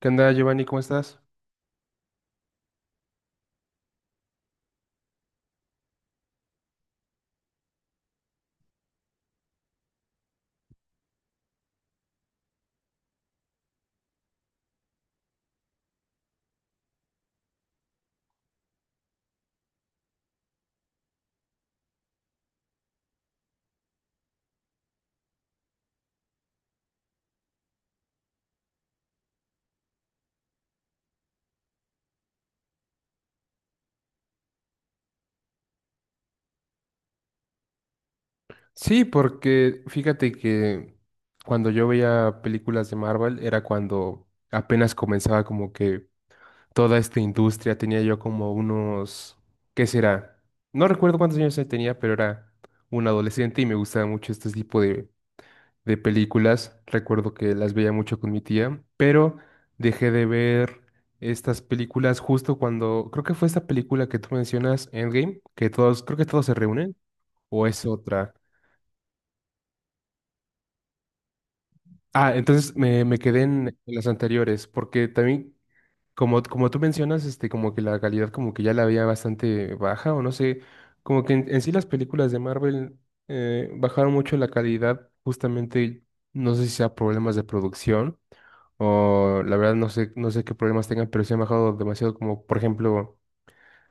¿Qué onda, Giovanni? ¿Cómo estás? Sí, porque fíjate que cuando yo veía películas de Marvel era cuando apenas comenzaba como que toda esta industria, tenía yo como unos, ¿qué será? No recuerdo cuántos años tenía, pero era un adolescente y me gustaba mucho este tipo de películas. Recuerdo que las veía mucho con mi tía, pero dejé de ver estas películas justo cuando, creo que fue esta película que tú mencionas, Endgame, que todos, creo que todos se reúnen. ¿O es otra? Ah, entonces me quedé en, las anteriores, porque también, como tú mencionas, este, como que la calidad como que ya la había bastante baja, o no sé, como que en sí las películas de Marvel bajaron mucho la calidad, justamente, no sé si sea problemas de producción, o la verdad no sé qué problemas tengan, pero sí han bajado demasiado, como por ejemplo,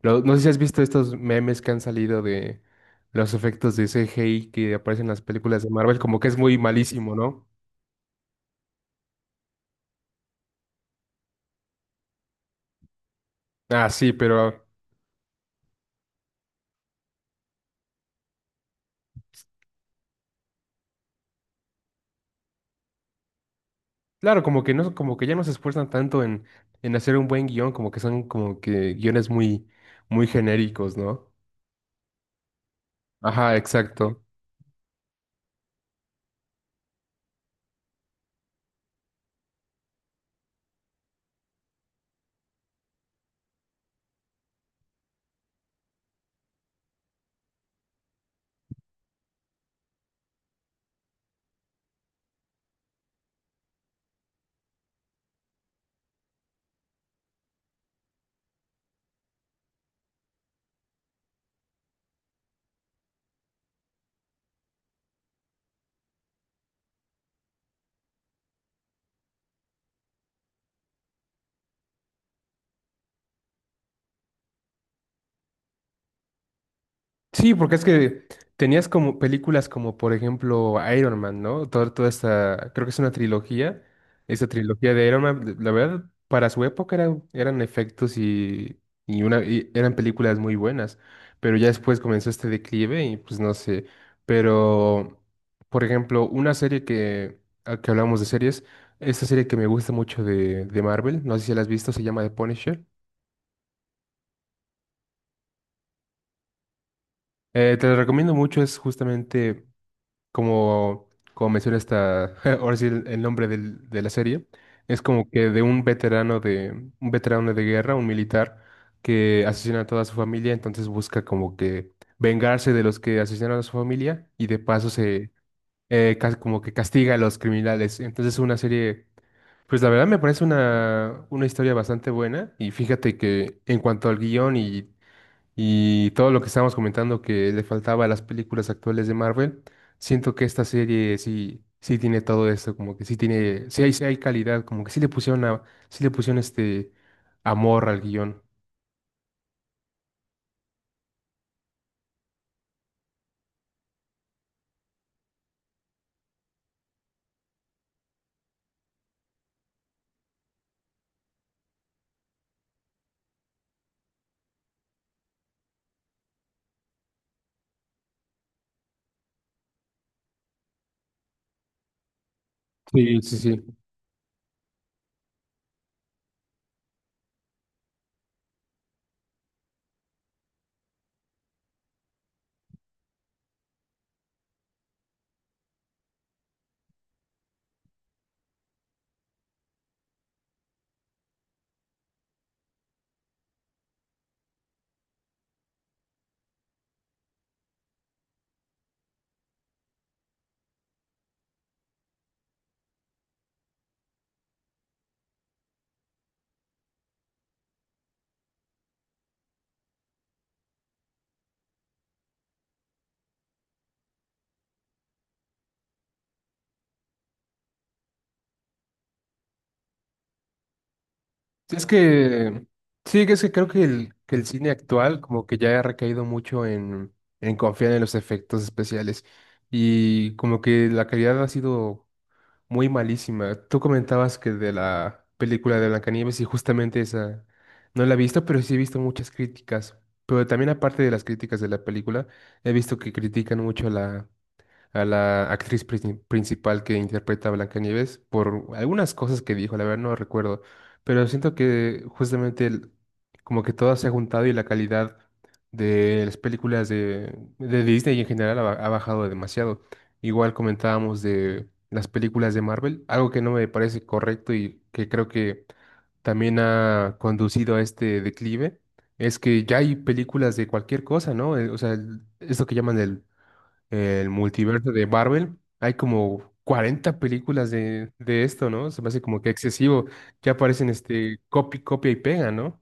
no sé si has visto estos memes que han salido de los efectos de CGI que aparecen en las películas de Marvel, como que es muy malísimo, ¿no? Ah, sí, pero claro, como que no, como que ya no se esfuerzan tanto en, hacer un buen guión, como que son como que guiones muy, muy genéricos, ¿no? Ajá, exacto. Sí, porque es que tenías como películas como por ejemplo Iron Man, ¿no? Toda esta, creo que es una trilogía, esa trilogía de Iron Man, la verdad, para su época eran efectos y eran películas muy buenas, pero ya después comenzó este declive y pues no sé, pero por ejemplo, una serie a que hablamos de series, esta serie que me gusta mucho de Marvel, no sé si la has visto, se llama The Punisher. Te la recomiendo mucho, es justamente como, como menciona esta, ahora sí el nombre de la serie, es como que de un veterano de, un veterano de guerra, un militar, que asesina a toda su familia, entonces busca como que vengarse de los que asesinaron a su familia y de paso como que castiga a los criminales. Entonces es una serie, pues la verdad me parece una historia bastante buena y fíjate que en cuanto al guión y todo lo que estábamos comentando que le faltaba a las películas actuales de Marvel, siento que esta serie sí, sí tiene todo esto, como que sí tiene, sí hay calidad, como que sí le pusieron este amor al guión. Sí, sí, sí. Es que, sí, es que creo que el cine actual como que ya ha recaído mucho en confiar en los efectos especiales y como que la calidad ha sido muy malísima. Tú comentabas que de la película de Blancanieves y justamente esa no la he visto, pero sí he visto muchas críticas. Pero también aparte de las críticas de la película, he visto que critican mucho la a la actriz principal que interpreta a Blancanieves por algunas cosas que dijo, la verdad no recuerdo, pero siento que justamente como que todo se ha juntado y la calidad de las películas de Disney en general ha bajado demasiado. Igual comentábamos de las películas de Marvel, algo que no me parece correcto y que creo que también ha conducido a este declive. Es que ya hay películas de cualquier cosa, ¿no? O sea, esto que llaman el multiverso de Marvel. Hay como 40 películas de esto, ¿no? Se me hace como que excesivo. Ya aparecen este copia y pega, ¿no?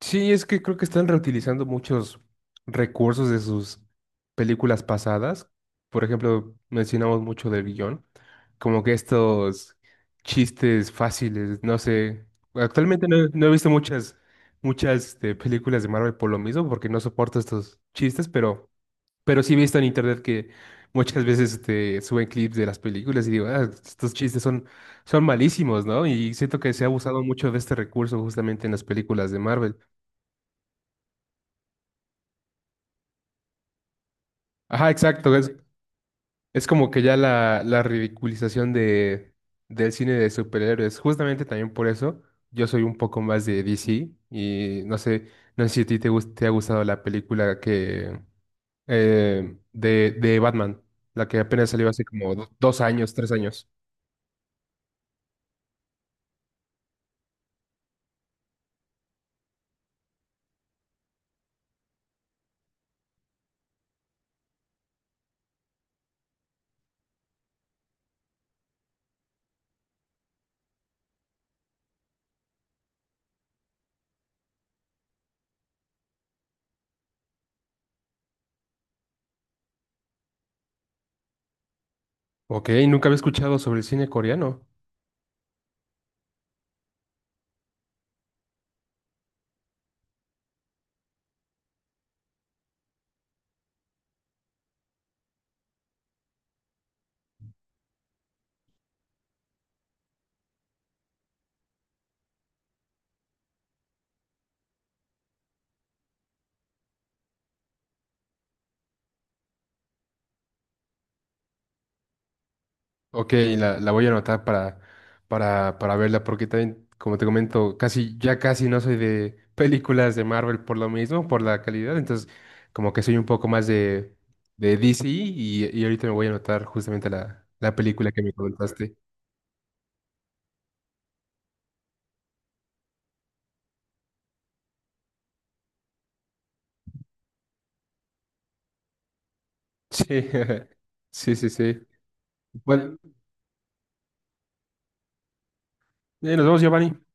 Sí, es que creo que están reutilizando muchos recursos de sus películas pasadas. Por ejemplo, mencionamos mucho del guión, como que estos chistes fáciles, no sé. Actualmente no he visto muchas este, películas de Marvel por lo mismo, porque no soporto estos chistes, Pero sí he visto en internet que muchas veces este, suben clips de las películas y digo, "Ah, estos chistes son malísimos, ¿no? Y siento que se ha abusado mucho de este recurso justamente en las películas de Marvel. Ajá, exacto. Es como que ya la, ridiculización del cine de superhéroes. Justamente también por eso yo soy un poco más de DC y no sé si a ti te ha gustado la película que de Batman, la que apenas salió hace como dos años, tres años. Ok, nunca había escuchado sobre el cine coreano. Ok, la voy a anotar para, verla, porque también, como te comento, ya casi no soy de películas de Marvel por lo mismo, por la calidad. Entonces, como que soy un poco más de, DC y ahorita me voy a anotar justamente la película que me comentaste. Sí, sí, sí, sí. Bueno, nos vemos, Giovanni.